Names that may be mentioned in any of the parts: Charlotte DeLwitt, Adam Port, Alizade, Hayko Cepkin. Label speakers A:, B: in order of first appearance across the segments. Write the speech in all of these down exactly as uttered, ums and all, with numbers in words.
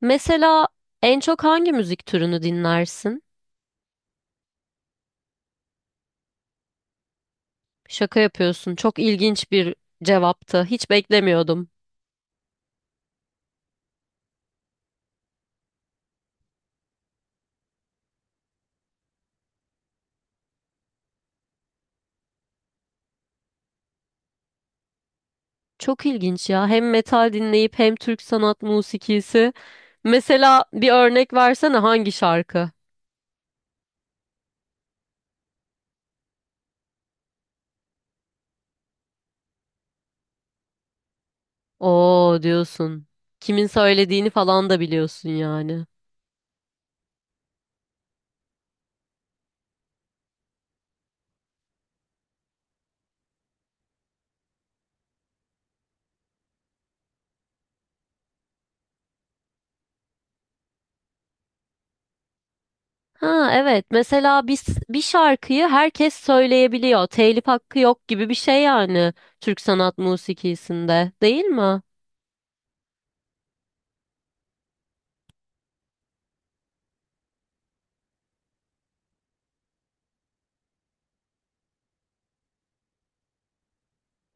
A: Mesela en çok hangi müzik türünü dinlersin? Şaka yapıyorsun. Çok ilginç bir cevaptı. Hiç beklemiyordum. Çok ilginç ya. Hem metal dinleyip hem Türk sanat musikisi. Mesela bir örnek versene hangi şarkı? Oo diyorsun. Kimin söylediğini falan da biliyorsun yani. Ha evet. Mesela bir, bir şarkıyı herkes söyleyebiliyor. Telif hakkı yok gibi bir şey yani Türk sanat musikisinde, değil mi?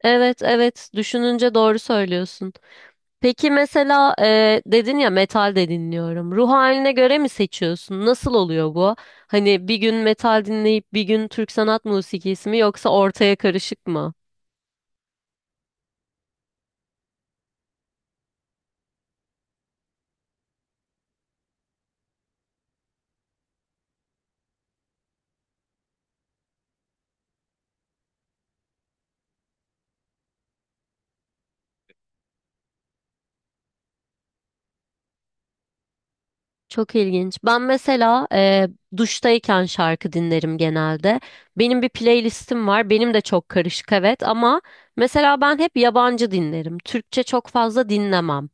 A: Evet, evet, düşününce doğru söylüyorsun. Peki mesela e, dedin ya metal de dinliyorum. Ruh haline göre mi seçiyorsun? Nasıl oluyor bu? Hani bir gün metal dinleyip bir gün Türk sanat musikisi mi yoksa ortaya karışık mı? Çok ilginç. Ben mesela e, duştayken şarkı dinlerim genelde. Benim bir playlistim var. Benim de çok karışık, evet, ama mesela ben hep yabancı dinlerim. Türkçe çok fazla dinlemem.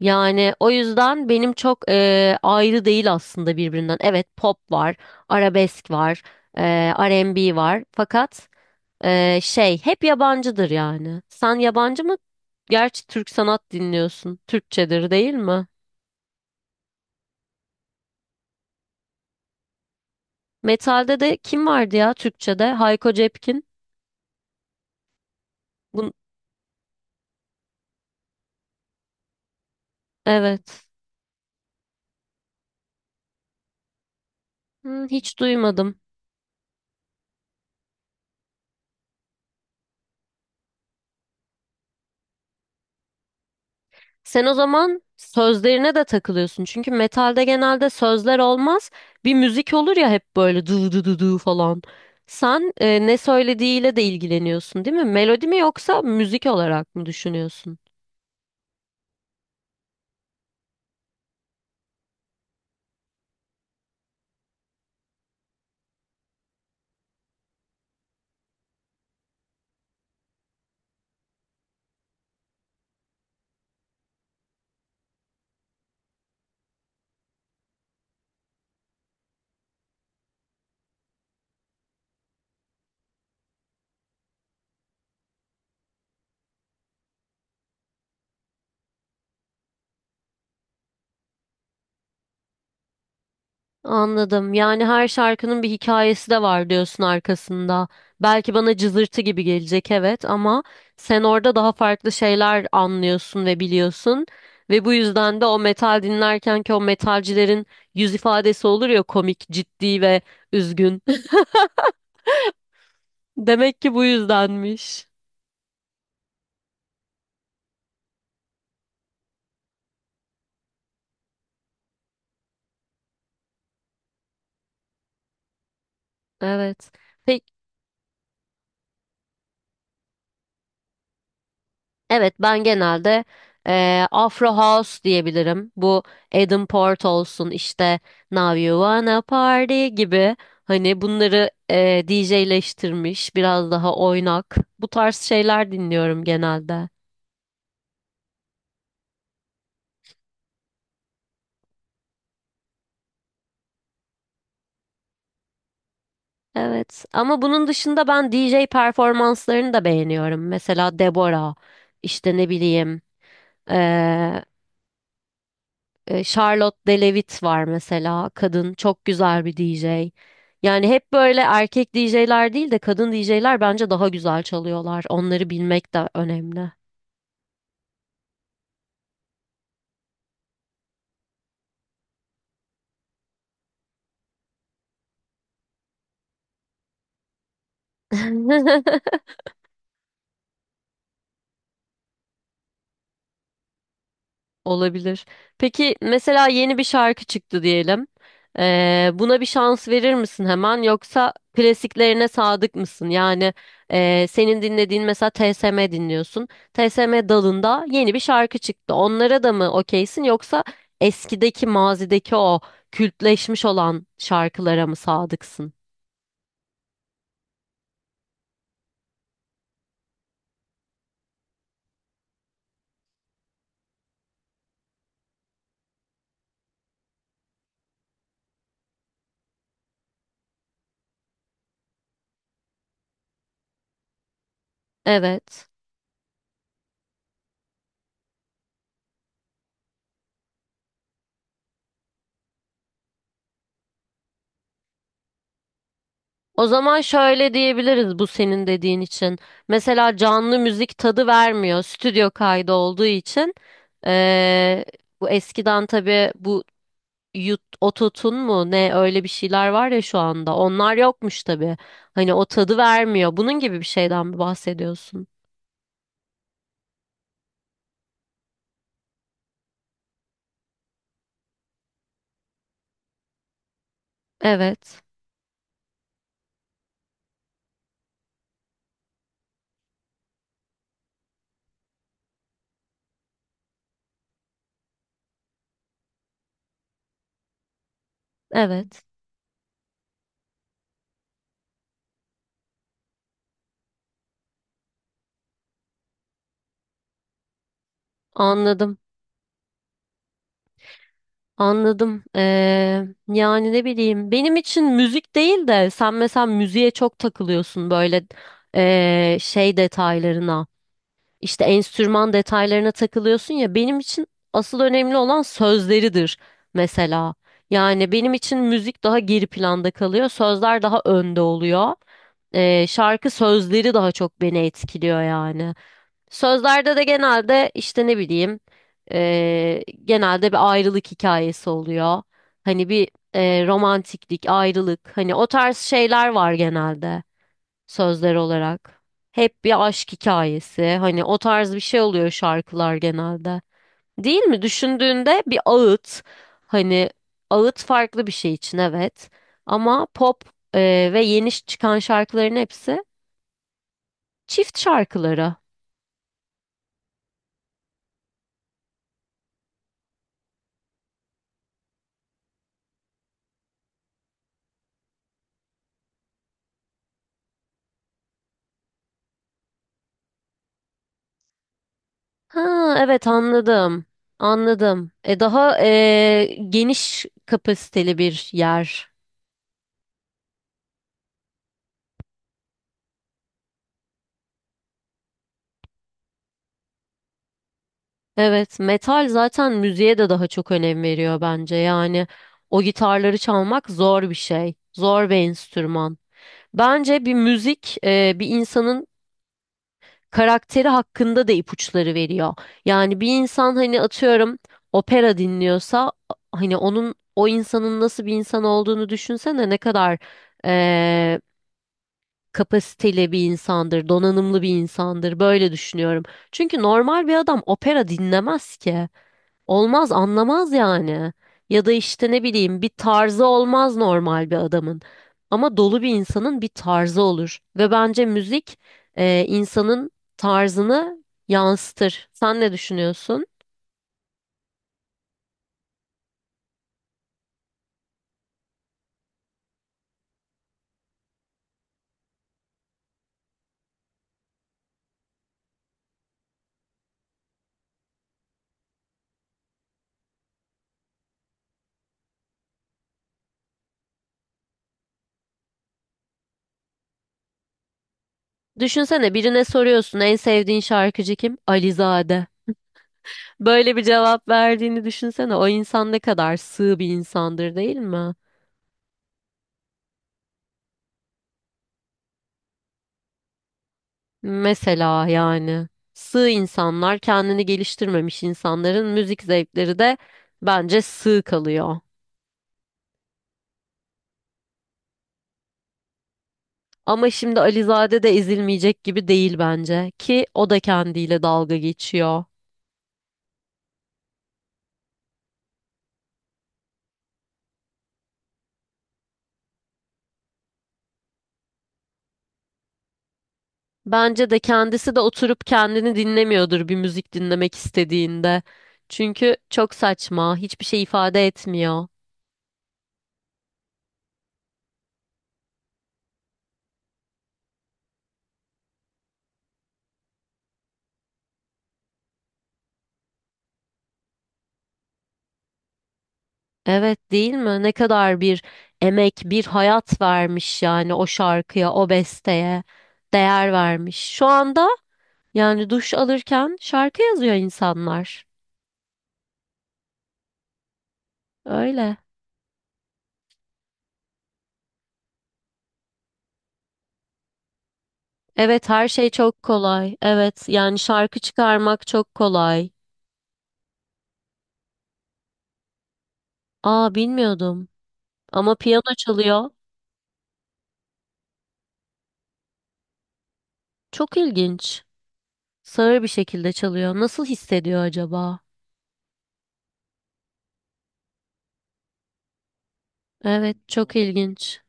A: Yani o yüzden benim çok eee, ayrı değil aslında birbirinden. Evet, pop var, arabesk var, eee R and B var. Fakat eee, şey hep yabancıdır yani. Sen yabancı mı? Gerçi Türk sanat dinliyorsun. Türkçedir, değil mi? Metalde de kim vardı ya Türkçede? Hayko Cepkin. Bun evet. Hı, hiç duymadım. Sen o zaman sözlerine de takılıyorsun. Çünkü metalde genelde sözler olmaz. Bir müzik olur ya, hep böyle du du du du falan. Sen e, ne söylediğiyle de ilgileniyorsun, değil mi? Melodi mi yoksa müzik olarak mı düşünüyorsun? Anladım. Yani her şarkının bir hikayesi de var diyorsun arkasında. Belki bana cızırtı gibi gelecek evet, ama sen orada daha farklı şeyler anlıyorsun ve biliyorsun ve bu yüzden de o metal dinlerken ki o metalcilerin yüz ifadesi olur ya komik, ciddi ve üzgün. Demek ki bu yüzdenmiş. Evet. Peki Evet, ben genelde eee, Afro House diyebilirim. Bu Adam Port olsun, işte Now You Wanna Party gibi, hani bunları eee D J'leştirmiş biraz daha oynak, bu tarz şeyler dinliyorum genelde. Evet, ama bunun dışında ben D J performanslarını da beğeniyorum. Mesela Deborah, işte ne bileyim, eee, E, Charlotte DeLwitt var mesela. Kadın çok güzel bir D J. Yani hep böyle erkek D J'ler değil de kadın D J'ler bence daha güzel çalıyorlar. Onları bilmek de önemli. Olabilir. Peki mesela yeni bir şarkı çıktı diyelim. Ee, buna bir şans verir misin hemen, yoksa klasiklerine sadık mısın? Yani e, senin dinlediğin mesela T S M dinliyorsun. T S M dalında yeni bir şarkı çıktı. Onlara da mı okeysin, yoksa eskideki, mazideki o kültleşmiş olan şarkılara mı sadıksın? Evet. O zaman şöyle diyebiliriz bu senin dediğin için. Mesela canlı müzik tadı vermiyor stüdyo kaydı olduğu için. Ee, Bu eskiden tabii, bu yut, ototun mu ne öyle bir şeyler var ya şu anda. Onlar yokmuş tabii. Hani o tadı vermiyor. Bunun gibi bir şeyden mi bahsediyorsun? Evet. Evet. Anladım. Anladım. Ee, yani ne bileyim, benim için müzik değil de sen mesela müziğe çok takılıyorsun, böyle ee, şey detaylarına, işte enstrüman detaylarına takılıyorsun ya, benim için asıl önemli olan sözleridir mesela. Yani benim için müzik daha geri planda kalıyor, sözler daha önde oluyor. Ee, şarkı sözleri daha çok beni etkiliyor yani. Sözlerde de genelde işte ne bileyim, eee, genelde bir ayrılık hikayesi oluyor. Hani bir eee, romantiklik, ayrılık, hani o tarz şeyler var genelde sözler olarak. Hep bir aşk hikayesi, hani o tarz bir şey oluyor şarkılar genelde. Değil mi? Düşündüğünde bir ağıt, hani ağıt farklı bir şey için, evet, ama pop eee, ve yeni çıkan şarkıların hepsi çift şarkıları. Ha evet, anladım. Anladım. E daha e, geniş kapasiteli bir yer. Evet, metal zaten müziğe de daha çok önem veriyor bence. Yani o gitarları çalmak zor bir şey. Zor bir enstrüman. Bence bir müzik, e, bir insanın karakteri hakkında da ipuçları veriyor. Yani bir insan hani atıyorum opera dinliyorsa, hani onun, o insanın nasıl bir insan olduğunu düşünsene, ne kadar e, kapasiteli bir insandır, donanımlı bir insandır. Böyle düşünüyorum. Çünkü normal bir adam opera dinlemez ki. Olmaz, anlamaz yani. Ya da işte ne bileyim, bir tarzı olmaz normal bir adamın. Ama dolu bir insanın bir tarzı olur. Ve bence müzik, e, insanın tarzını yansıtır. Sen ne düşünüyorsun? Düşünsene, birine soruyorsun, en sevdiğin şarkıcı kim? Alizade. Böyle bir cevap verdiğini düşünsene. O insan ne kadar sığ bir insandır, değil mi? Mesela yani sığ insanlar, kendini geliştirmemiş insanların müzik zevkleri de bence sığ kalıyor. Ama şimdi Alizade de ezilmeyecek gibi değil bence, ki o da kendiyle dalga geçiyor. Bence de kendisi de oturup kendini dinlemiyordur bir müzik dinlemek istediğinde. Çünkü çok saçma, hiçbir şey ifade etmiyor. Evet, değil mi? Ne kadar bir emek, bir hayat vermiş yani o şarkıya, o besteye değer vermiş. Şu anda. Yani duş alırken şarkı yazıyor insanlar. Öyle. Evet, her şey çok kolay. Evet, yani şarkı çıkarmak çok kolay. Aa, bilmiyordum. Ama piyano çalıyor. Çok ilginç. Sağır bir şekilde çalıyor. Nasıl hissediyor acaba? Evet, çok ilginç.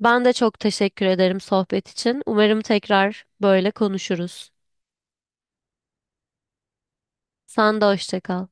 A: Ben de çok teşekkür ederim sohbet için. Umarım tekrar böyle konuşuruz. Sen de hoşça kal.